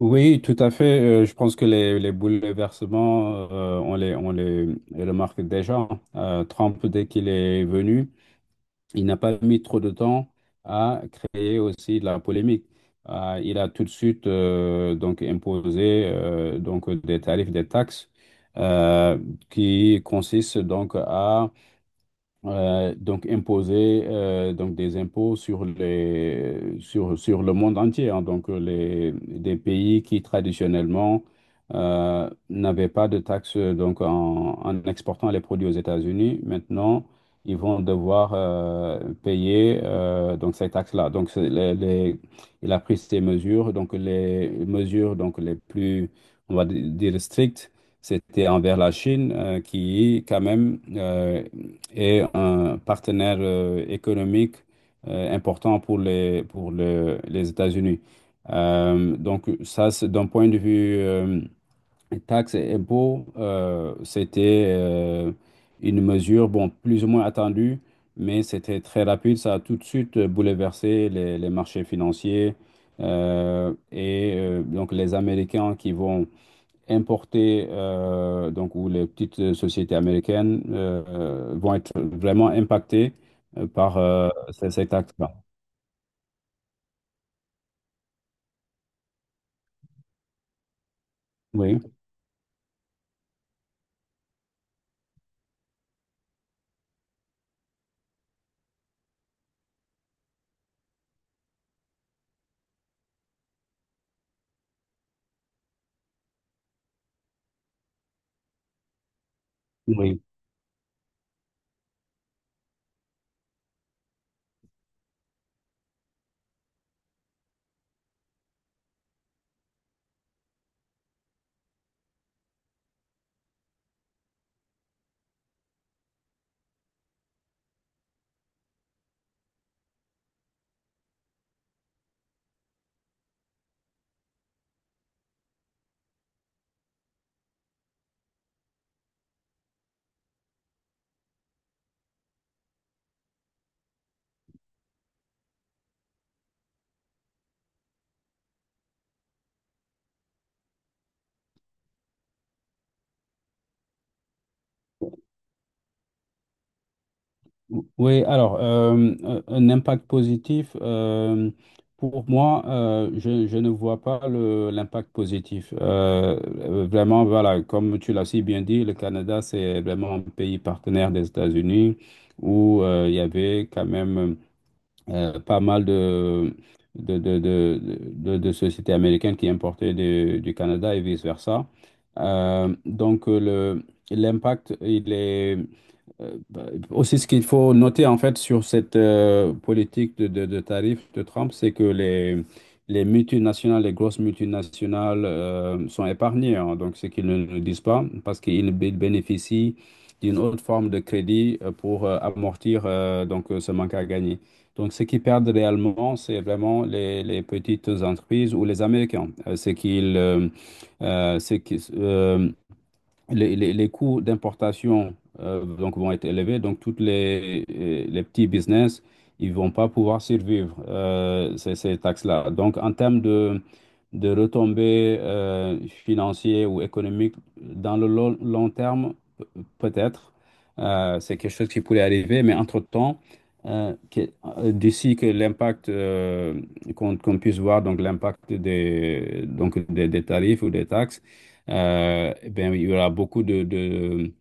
Oui, tout à fait. Je pense que les bouleversements, on les remarque déjà. Trump, dès qu'il est venu, il n'a pas mis trop de temps à créer aussi de la polémique. Il a tout de suite donc imposé des tarifs, des taxes euh, qui consistent donc à imposer des impôts sur les sur sur le monde entier, hein. Donc les des pays qui traditionnellement n'avaient pas de taxes, donc en exportant les produits aux États-Unis, maintenant ils vont devoir payer donc ces taxes-là. Donc c'est il a pris ces mesures, donc les mesures donc les plus, on va dire strictes, c'était envers la Chine, qui quand même, et un partenaire économique important pour les États-Unis. Donc ça, c'est d'un point de vue taxes et impôts, c'était une mesure, bon, plus ou moins attendue, mais c'était très rapide. Ça a tout de suite bouleversé les marchés financiers. Et donc les Américains qui vont importés, donc où les petites sociétés américaines vont être vraiment impactées par cet acte-là. Oui, oui. Oui, alors, un impact positif, pour moi, je ne vois pas l'impact positif. Vraiment, voilà, comme tu l'as si bien dit, le Canada, c'est vraiment un pays partenaire des États-Unis où il y avait quand même pas mal de, de, de, de sociétés américaines qui importaient du Canada et vice-versa. Donc l'impact, il est... euh, bah, aussi, ce qu'il faut noter, en fait, sur cette politique de tarifs de Trump, c'est que les multinationales, les grosses multinationales sont épargnées, hein. Donc, ce qu'ils ne le disent pas, parce qu'ils bénéficient d'une autre forme de crédit pour amortir, ce manque à gagner. Donc, ce qui perdent réellement, c'est vraiment les petites entreprises ou les Américains. C'est qu'ils, euh, c'est qu'ils, euh, les coûts d'importation donc vont être élevés. Donc, toutes les petits business, ils vont pas pouvoir survivre ces taxes-là. Donc, en termes de retombées financières ou économiques, dans le long terme, peut-être, c'est quelque chose qui pourrait arriver, mais entre-temps, euh, que- d'ici que l'impact qu'on puisse voir, donc l'impact des tarifs ou des taxes, eh bien, il y aura beaucoup de, de,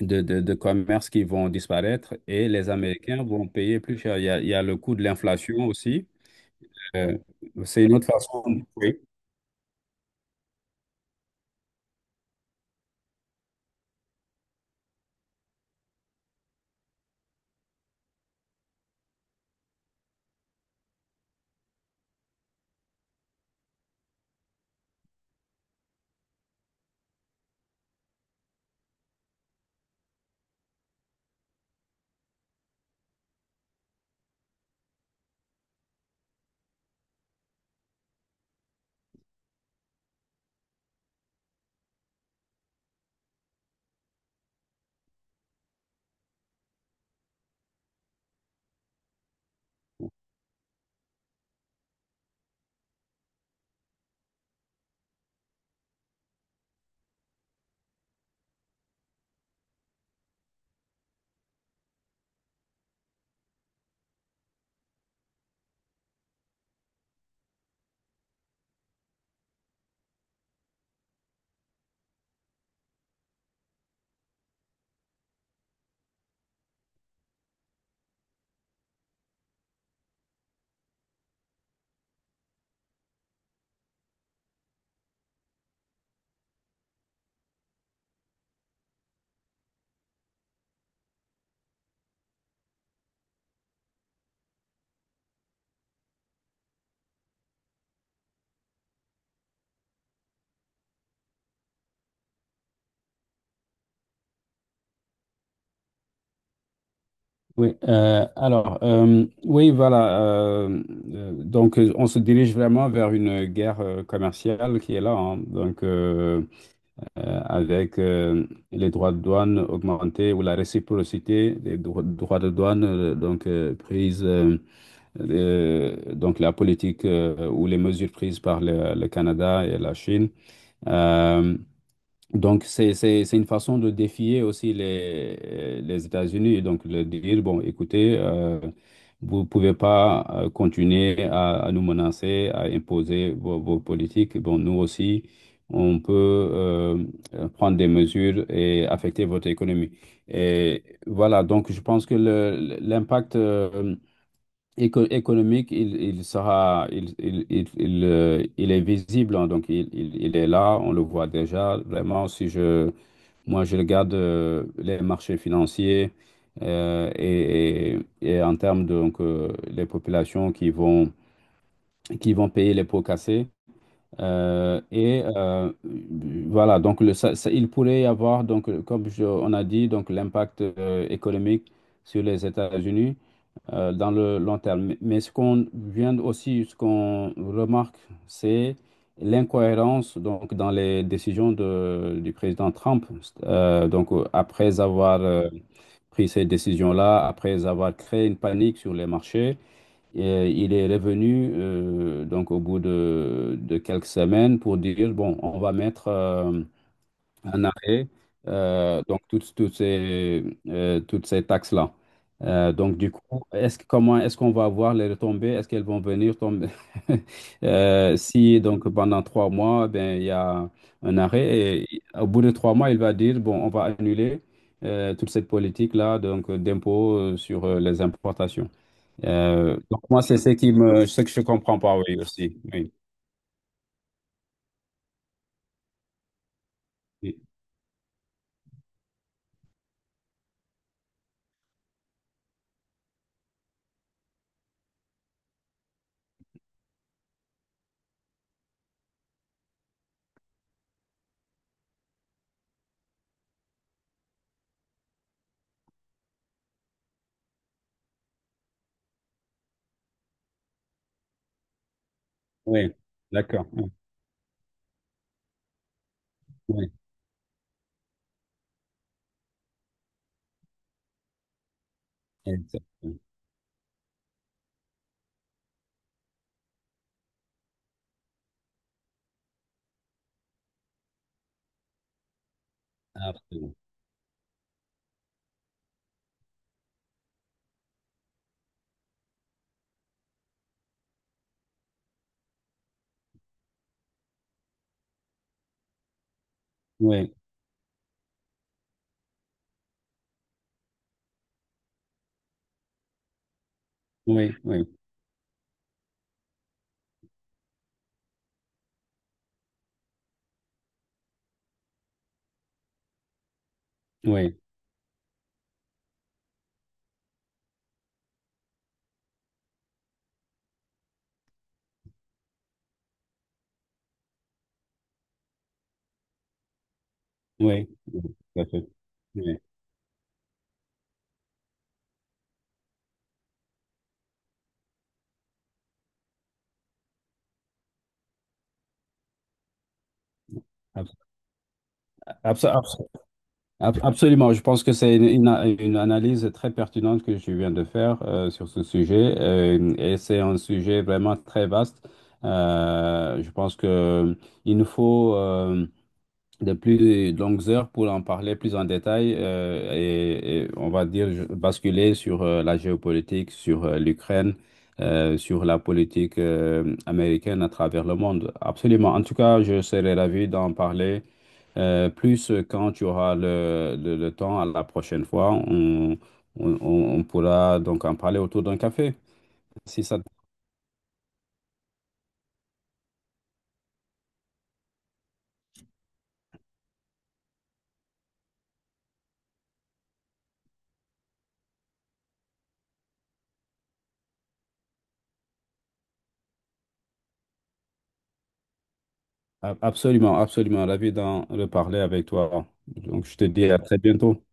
de, de- de commerces qui vont disparaître et les Américains vont payer plus cher. Il y a le coût de l'inflation aussi. Euh, c'est une autre façon. Oui. Oui, alors, oui, voilà. Donc, on se dirige vraiment vers une guerre commerciale qui est là, hein. Donc avec les droits de douane augmentés ou la réciprocité des droits de douane, donc prise. Donc la politique ou les mesures prises par le Canada et la Chine. Euh, donc c'est une façon de défier aussi les États-Unis et donc de dire, bon, écoutez, vous pouvez pas continuer à nous menacer, à imposer vos politiques. Bon, nous aussi, on peut prendre des mesures et affecter votre économie. Et voilà, donc je pense que l'impact... économique, il sera, il est visible, hein, donc il est là, on le voit déjà. Vraiment, si je, moi, je regarde les marchés financiers, euh, et, et en termes de, donc, les populations qui vont payer les pots cassés, euh, et euh, voilà. Il pourrait y avoir, donc, comme on a dit, donc l'impact économique sur les États-Unis dans le long terme. Mais ce qu'on vient aussi, ce qu'on remarque, c'est l'incohérence, donc, dans les décisions du président Trump. Donc, après avoir pris ces décisions-là, après avoir créé une panique sur les marchés, il est revenu donc au bout de quelques semaines pour dire, bon, on va mettre un arrêt, donc toutes ces taxes-là. Donc du coup, comment est-ce qu'on va voir les retombées? Est-ce qu'elles vont venir tomber? Si donc pendant trois mois, ben, il y a un arrêt et au bout de trois mois, il va dire, bon, on va annuler toute cette politique-là, donc d'impôts sur les importations. Donc moi, c'est ce que je comprends pas, oui, aussi. Oui, oui, oui. D'accord. Oui, oui, exactement. Absolument. Oui, oui, oui, oui, oui, oui, tout à fait. Oui. Abs- abs- abs- Absolument, je pense que c'est une analyse très pertinente que je viens de faire sur ce sujet, et c'est un sujet vraiment très vaste. Je pense que il nous faut de plus longues heures pour en parler plus en détail, et on va dire basculer sur la géopolitique, sur l'Ukraine, sur la politique américaine à travers le monde. Absolument. En tout cas, je serai ravi d'en parler plus quand tu auras le temps à la prochaine fois. On pourra donc en parler autour d'un café. Si ça... Absolument, absolument. Ravi d'en reparler avec toi. Donc, je te dis à très bientôt.